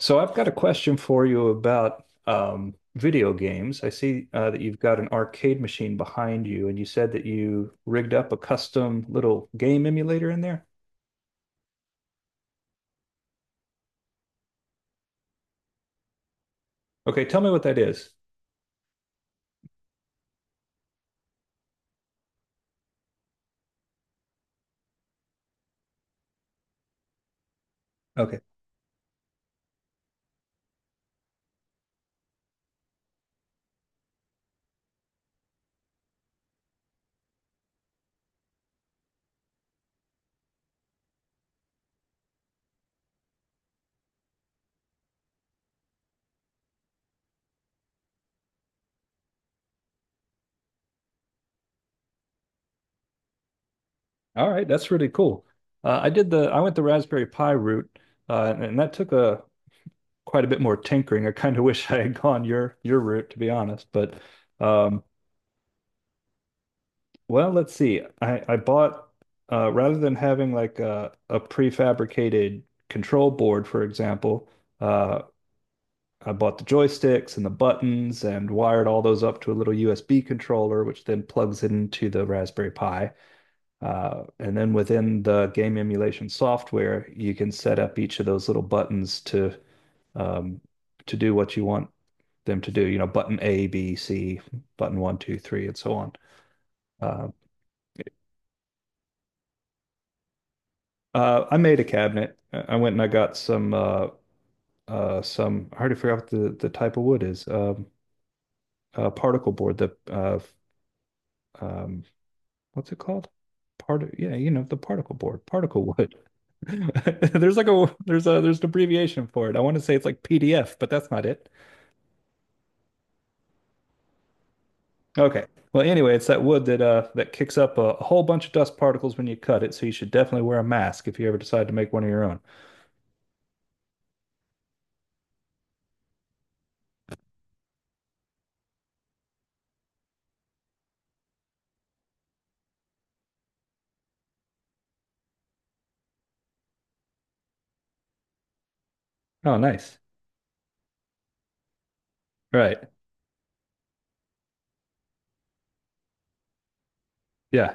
So I've got a question for you about video games. I see that you've got an arcade machine behind you, and you said that you rigged up a custom little game emulator in there. Okay, tell me what that is. Okay, all right, that's really cool. I went the Raspberry Pi route, and that took a quite a bit more tinkering. I kind of wish I had gone your route, to be honest, but um, Well, let's see. I bought rather than having like a prefabricated control board, for example, uh, I bought the joysticks and the buttons and wired all those up to a little USB controller, which then plugs into the Raspberry Pi. And then within the game emulation software, you can set up each of those little buttons um, to do what you want them to do. You know, button A, B, C, button one, two, three, and so on. Uh, I made a cabinet. I went and I got some some. I already forgot what the type of wood is. Particle board. The um, what's it called? Part. Yeah, you know the particle board. Particle wood. There's like a there's an abbreviation for it. I want to say it's like PDF, but that's not it. Okay. Well, anyway, it's that wood that that kicks up a whole bunch of dust particles when you cut it. So you should definitely wear a mask if you ever decide to make one of your own. Oh, nice. Right. Yeah.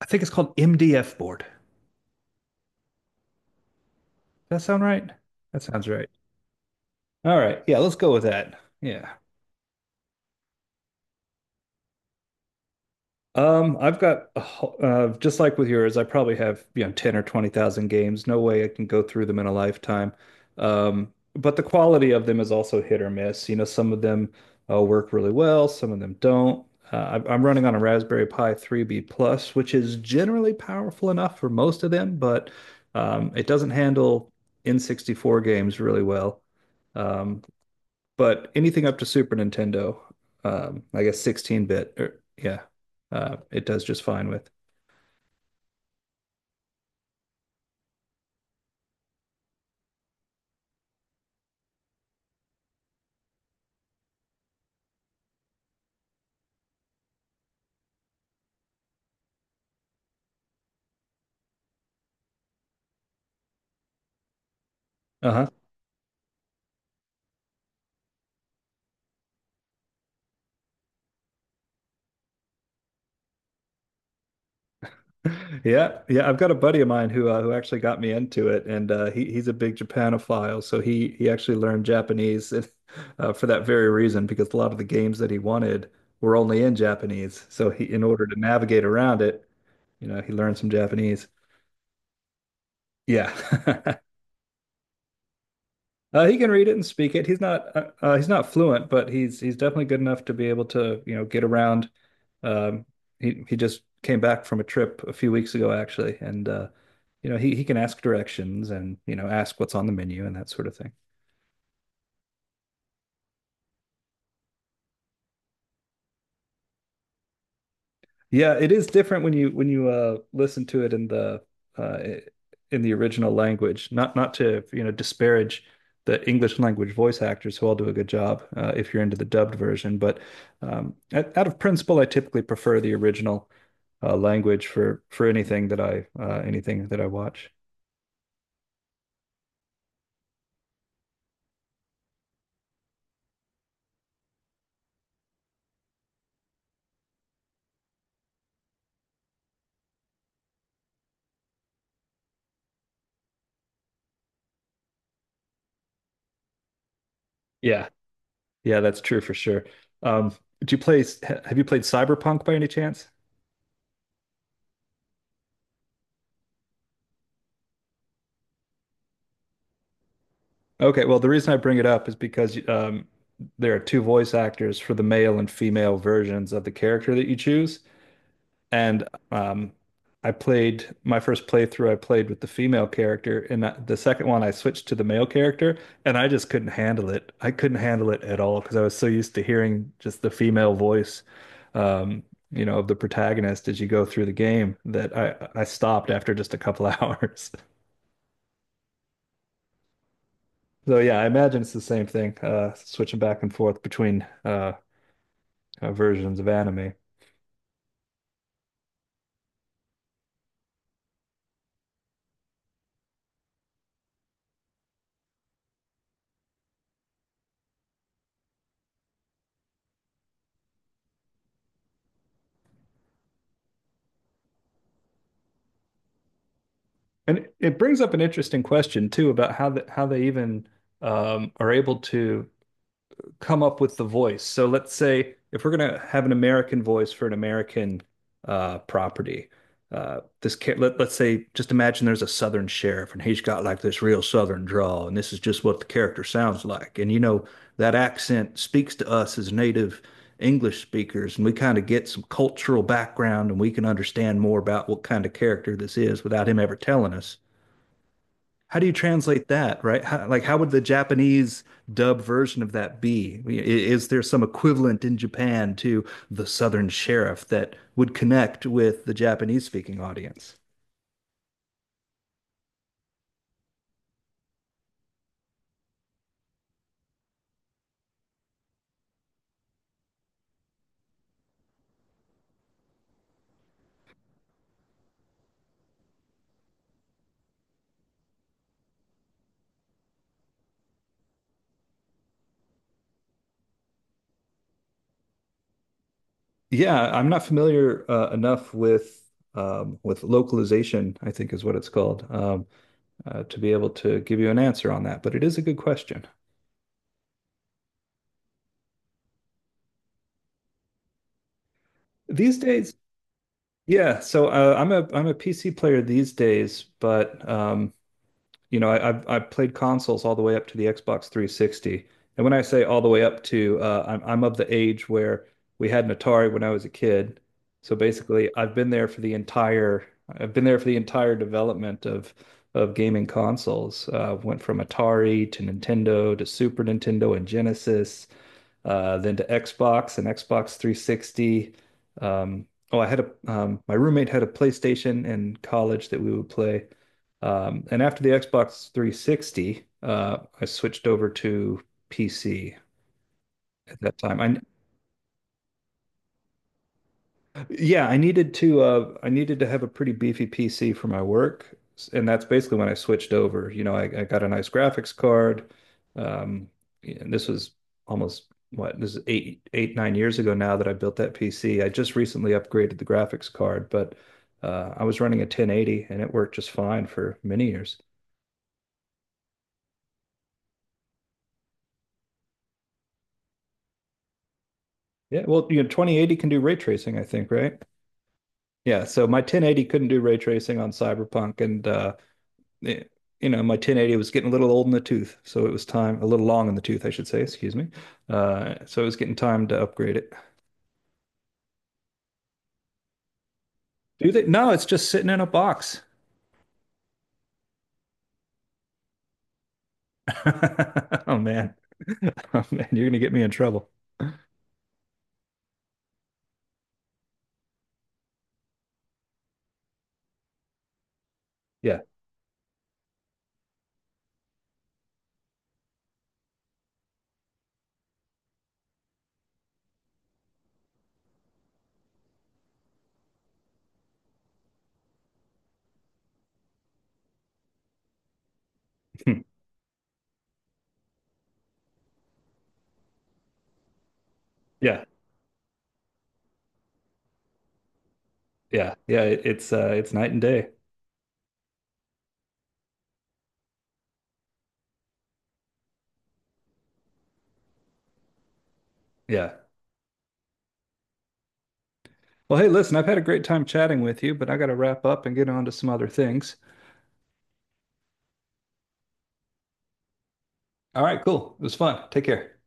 I think it's called MDF board. That sound right? That sounds right. All right. Yeah, let's go with that. Yeah. I've got a ho- Just like with yours, I probably have, you know, 10 or 20,000 games. No way I can go through them in a lifetime. But the quality of them is also hit or miss. You know, some of them work really well, some of them don't. I'm running on a Raspberry Pi 3B Plus, which is generally powerful enough for most of them, but it doesn't handle N64 games really well. Um, but anything up to Super Nintendo, I guess 16 bit, or yeah, it does just fine with. Uh-huh. Yeah, yeah. I've got a buddy of mine who actually got me into it, and he's a big Japanophile, so he actually learned Japanese for that very reason because a lot of the games that he wanted were only in Japanese. So he, in order to navigate around it, you know, he learned some Japanese. Yeah. He can read it and speak it. He's not fluent, but he's definitely good enough to be able to, you know, get around. Um, he just came back from a trip a few weeks ago actually, and you know, he can ask directions and, you know, ask what's on the menu and that sort of thing. Yeah, it is different when you listen to it in the uh in the original language. Not to, you know, disparage the English language voice actors who all do a good job if you're into the dubbed version, but out of principle I typically prefer the original language for anything that I anything that I watch. Yeah, yeah, that's true for sure. Um, do you play? Have you played Cyberpunk by any chance? Okay, well, the reason I bring it up is because there are two voice actors for the male and female versions of the character that you choose. And I played my first playthrough, I played with the female character, and the second one I switched to the male character, and I just couldn't handle it. I couldn't handle it at all because I was so used to hearing just the female voice, um, you know, of the protagonist as you go through the game that I stopped after just a couple hours. So yeah, I imagine it's the same thing, switching back and forth between versions of anime. And it brings up an interesting question too about how how they even are able to come up with the voice. So let's say if we're going to have an American voice for an American property, let's say just imagine there's a Southern sheriff and he's got like this real Southern drawl, and this is just what the character sounds like. And you know that accent speaks to us as native English speakers, and we kind of get some cultural background, and we can understand more about what kind of character this is without him ever telling us how do you translate that, right? How, like, how would the Japanese dub version of that be? Is there some equivalent in Japan to the Southern Sheriff that would connect with the Japanese speaking audience? Yeah, I'm not familiar enough with localization, I think is what it's called, to be able to give you an answer on that. But it is a good question. These days, yeah. So I'm a PC player these days, but you know, I've played consoles all the way up to the Xbox 360. And when I say all the way up to, I'm of the age where we had an Atari when I was a kid. So basically, I've been there for the entire development of gaming consoles. Went from Atari to Nintendo to Super Nintendo and Genesis, then to Xbox and Xbox 360. Oh, I had a My roommate had a PlayStation in college that we would play. And after the Xbox 360, I switched over to PC at that time. I Yeah, I needed to have a pretty beefy PC for my work, and that's basically when I switched over. You know, I got a nice graphics card. Um, and this was almost what this is 8, 8, 9 years ago now that I built that PC. I just recently upgraded the graphics card, but I was running a 1080 and it worked just fine for many years. Yeah, well, you know, 2080 can do ray tracing, I think, right? Yeah, so my 1080 couldn't do ray tracing on Cyberpunk, and eh, you know my 1080 was getting a little old in the tooth, so it was time a little long in the tooth, I should say. Excuse me. So it was getting time to upgrade it. Do they? No, it's just sitting in a box. Oh man, you're gonna get me in trouble. Yeah, yeah, yeah, it's night and day. Yeah. Well, hey, listen, I've had a great time chatting with you, but I got to wrap up and get on to some other things. All right, cool. It was fun. Take care.